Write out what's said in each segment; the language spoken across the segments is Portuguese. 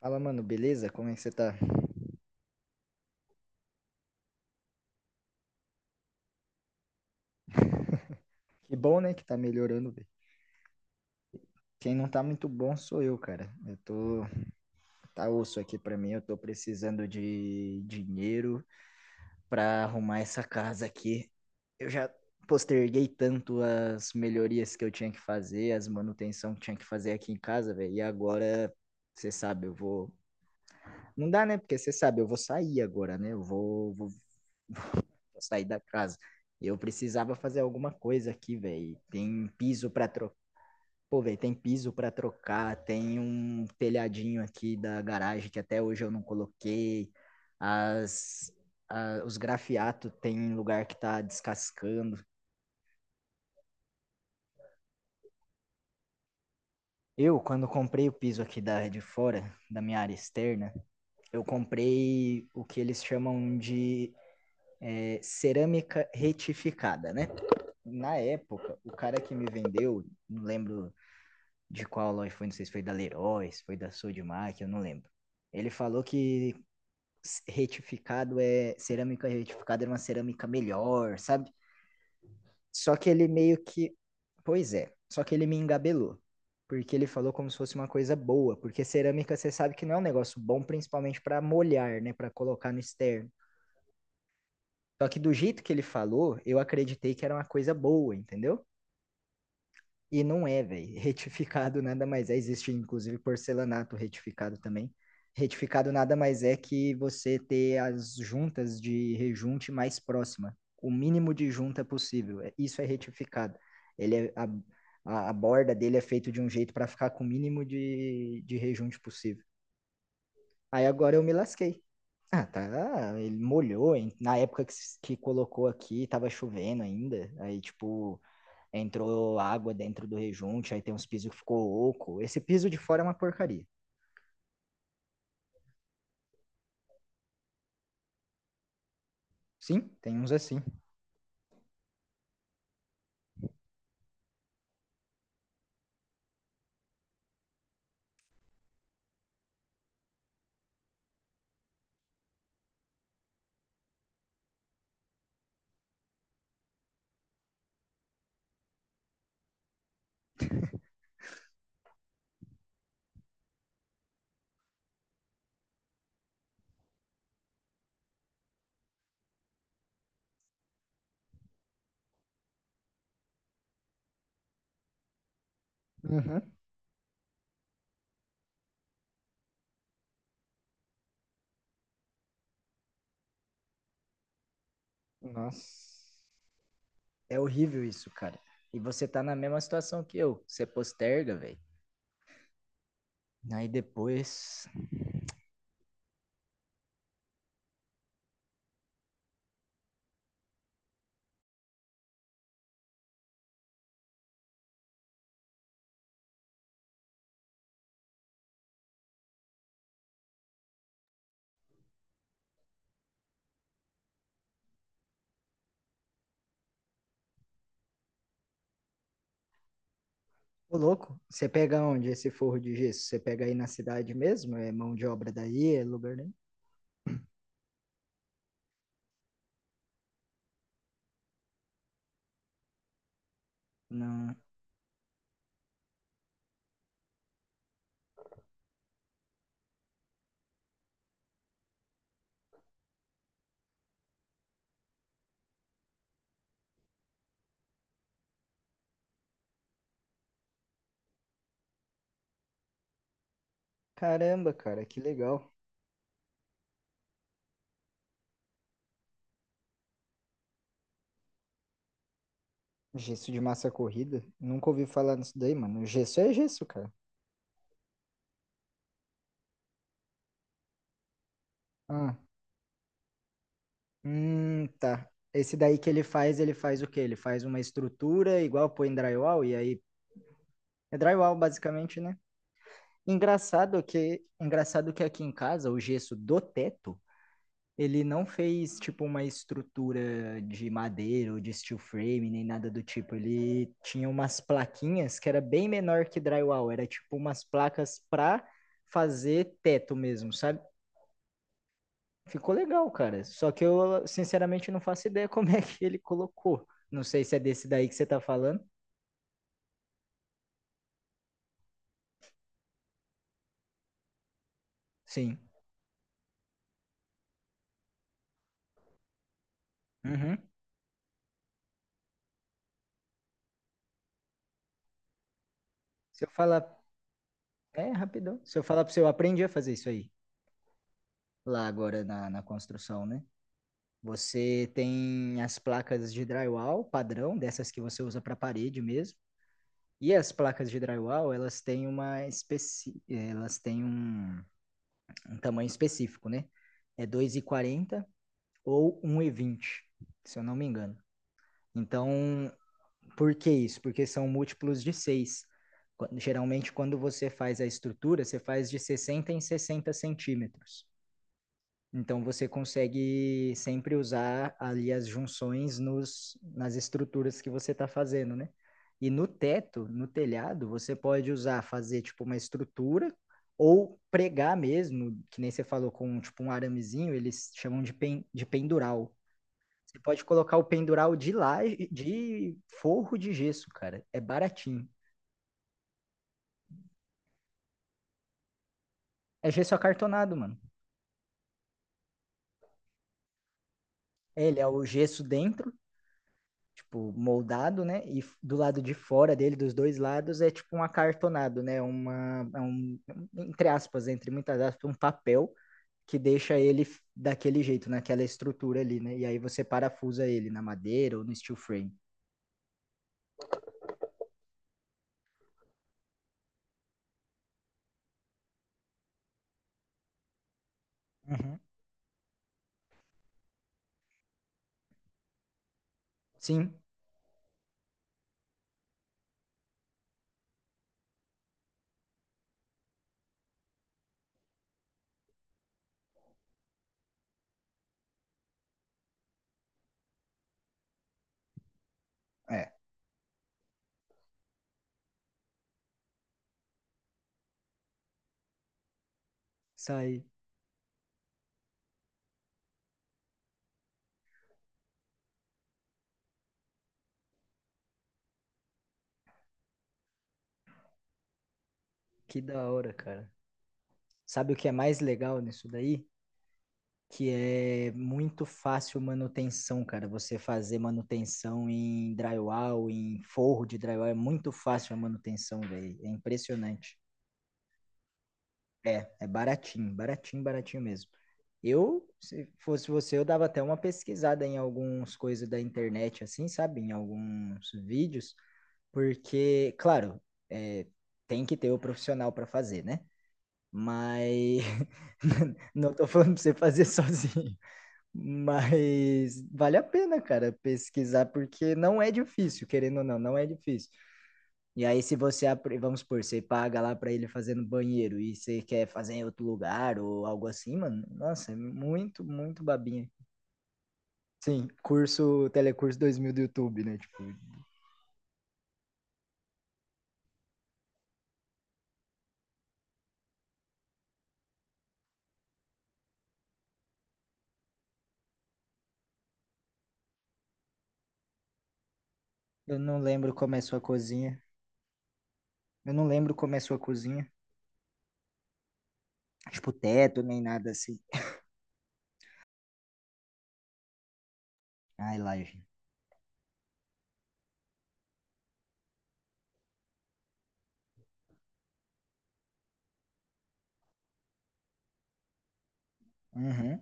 Fala, mano, beleza? Como é que você tá? Que bom, né, que tá melhorando, velho. Quem não tá muito bom sou eu, cara. Tá osso aqui pra mim, eu tô precisando de dinheiro pra arrumar essa casa aqui. Eu já posterguei tanto as melhorias que eu tinha que fazer, as manutenção que tinha que fazer aqui em casa, velho. E agora, você sabe, eu vou não dá, né? Porque você sabe, eu vou sair agora, né? Eu vou sair da casa. Eu precisava fazer alguma coisa aqui, velho. Tem piso pra trocar. Pô, velho, tem piso pra trocar. Tem um telhadinho aqui da garagem que até hoje eu não coloquei. As, os grafiatos tem um lugar que tá descascando. Eu, quando comprei o piso aqui de fora, da minha área externa, eu comprei o que eles chamam de cerâmica retificada, né? Na época, o cara que me vendeu, não lembro de qual loja foi, não sei se foi da Leroy, se foi da Sodimac, eu não lembro. Ele falou que retificado é cerâmica retificada era uma cerâmica melhor, sabe? Só que ele meio que, pois é, só que ele me engabelou, porque ele falou como se fosse uma coisa boa, porque cerâmica você sabe que não é um negócio bom, principalmente para molhar, né, para colocar no externo. Só que do jeito que ele falou, eu acreditei que era uma coisa boa, entendeu? E não é, velho. Retificado nada mais é. Existe, inclusive, porcelanato retificado também. Retificado nada mais é que você ter as juntas de rejunte mais próxima. O mínimo de junta possível. É, isso é retificado. Ele é, a borda dele é feita de um jeito para ficar com o mínimo de rejunte possível. Aí agora eu me lasquei. Ah, tá. Ele molhou, hein? Na época que, s- que colocou aqui, tava chovendo ainda. Aí, tipo, entrou água dentro do rejunte, aí tem uns pisos que ficou oco. Esse piso de fora é uma porcaria. Sim, tem uns assim. Uhum. Nossa. É horrível isso, cara. E você tá na mesma situação que eu. Você posterga, velho. Aí depois. Ô, louco, você pega onde esse forro de gesso? Você pega aí na cidade mesmo? É mão de obra daí? É lugar nenhum? Não. Caramba, cara, que legal. Gesso de massa corrida? Nunca ouvi falar nisso daí, mano. Gesso é gesso, cara. Ah, tá. Esse daí que ele faz o quê? Ele faz uma estrutura igual põe drywall e aí é drywall basicamente, né? Engraçado que aqui em casa o gesso do teto, ele não fez tipo uma estrutura de madeira ou de steel frame nem nada do tipo. Ele tinha umas plaquinhas que era bem menor que drywall, era tipo umas placas pra fazer teto mesmo, sabe? Ficou legal, cara. Só que eu, sinceramente, não faço ideia como é que ele colocou. Não sei se é desse daí que você tá falando. Sim. Uhum. Se eu falar. É, rapidão. Se eu falar pra você, eu aprendi a fazer isso aí. Lá agora na construção, né? Você tem as placas de drywall padrão, dessas que você usa pra parede mesmo. E as placas de drywall, elas têm um tamanho específico, né? É 2,40 ou 1,20, se eu não me engano. Então, por que isso? Porque são múltiplos de seis. Geralmente, quando você faz a estrutura, você faz de 60 em 60 centímetros. Então, você consegue sempre usar ali as junções nas estruturas que você está fazendo, né? E no teto, no telhado, você pode usar, fazer tipo uma estrutura ou pregar mesmo, que nem você falou, com tipo um aramezinho, eles chamam de pendural. Você pode colocar o pendural de lá, de forro de gesso, cara. É baratinho. É gesso acartonado, mano. É, ele é o gesso dentro, tipo, moldado, né? E do lado de fora dele, dos dois lados, é tipo um acartonado, né? Entre aspas, entre muitas aspas, um papel que deixa ele daquele jeito, naquela estrutura ali, né? E aí você parafusa ele na madeira ou no steel frame. Uhum. Sim, é. Isso aí. Que da hora, cara. Sabe o que é mais legal nisso daí? Que é muito fácil manutenção, cara. Você fazer manutenção em drywall, em forro de drywall, é muito fácil a manutenção, velho. É impressionante. É, é baratinho, baratinho, baratinho mesmo. Eu, se fosse você, eu dava até uma pesquisada em algumas coisas da internet, assim, sabe? Em alguns vídeos, porque, claro, é, tem que ter o profissional para fazer, né? Mas não tô falando pra você fazer sozinho. Mas vale a pena, cara, pesquisar, porque não é difícil, querendo ou não, não é difícil. E aí, se você, apre- vamos supor, você paga lá pra ele fazer no banheiro e você quer fazer em outro lugar ou algo assim, mano, nossa, é muito, muito babinha. Sim, curso, Telecurso 2000 do YouTube, né? Tipo, eu não lembro como é sua cozinha. Eu não lembro como é sua cozinha. Tipo, teto, nem nada assim. Ai, laje. Uhum,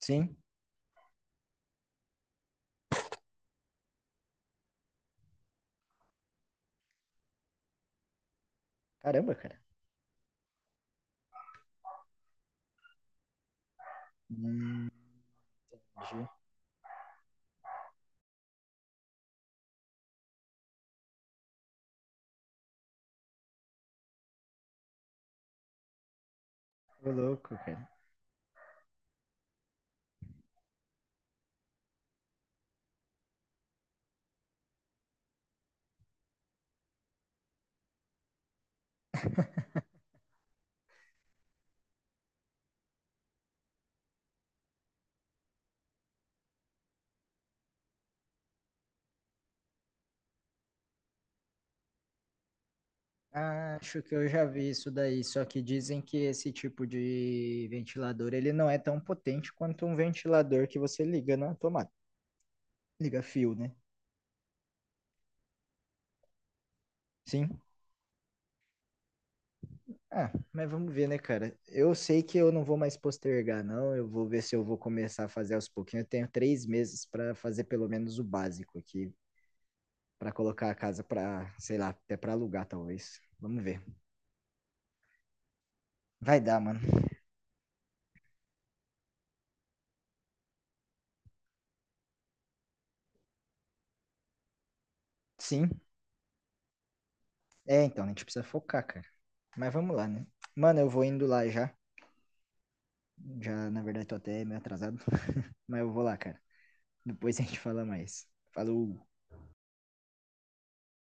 sim. Caramba, cara. Hum, entendi. Ô, louco, cara. Acho que eu já vi isso daí, só que dizem que esse tipo de ventilador, ele não é tão potente quanto um ventilador que você liga na tomada. Liga fio, né? Sim. Ah, mas vamos ver, né, cara? Eu sei que eu não vou mais postergar, não. Eu vou ver se eu vou começar a fazer aos pouquinhos. Eu tenho 3 meses para fazer pelo menos o básico aqui, para colocar a casa para, sei lá, até para alugar, talvez. Vamos ver. Vai dar, mano. Sim. É, então, a gente precisa focar, cara. Mas vamos lá, né? Mano, eu vou indo lá já. Já, na verdade, tô até meio atrasado, mas eu vou lá, cara. Depois a gente fala mais. Falou!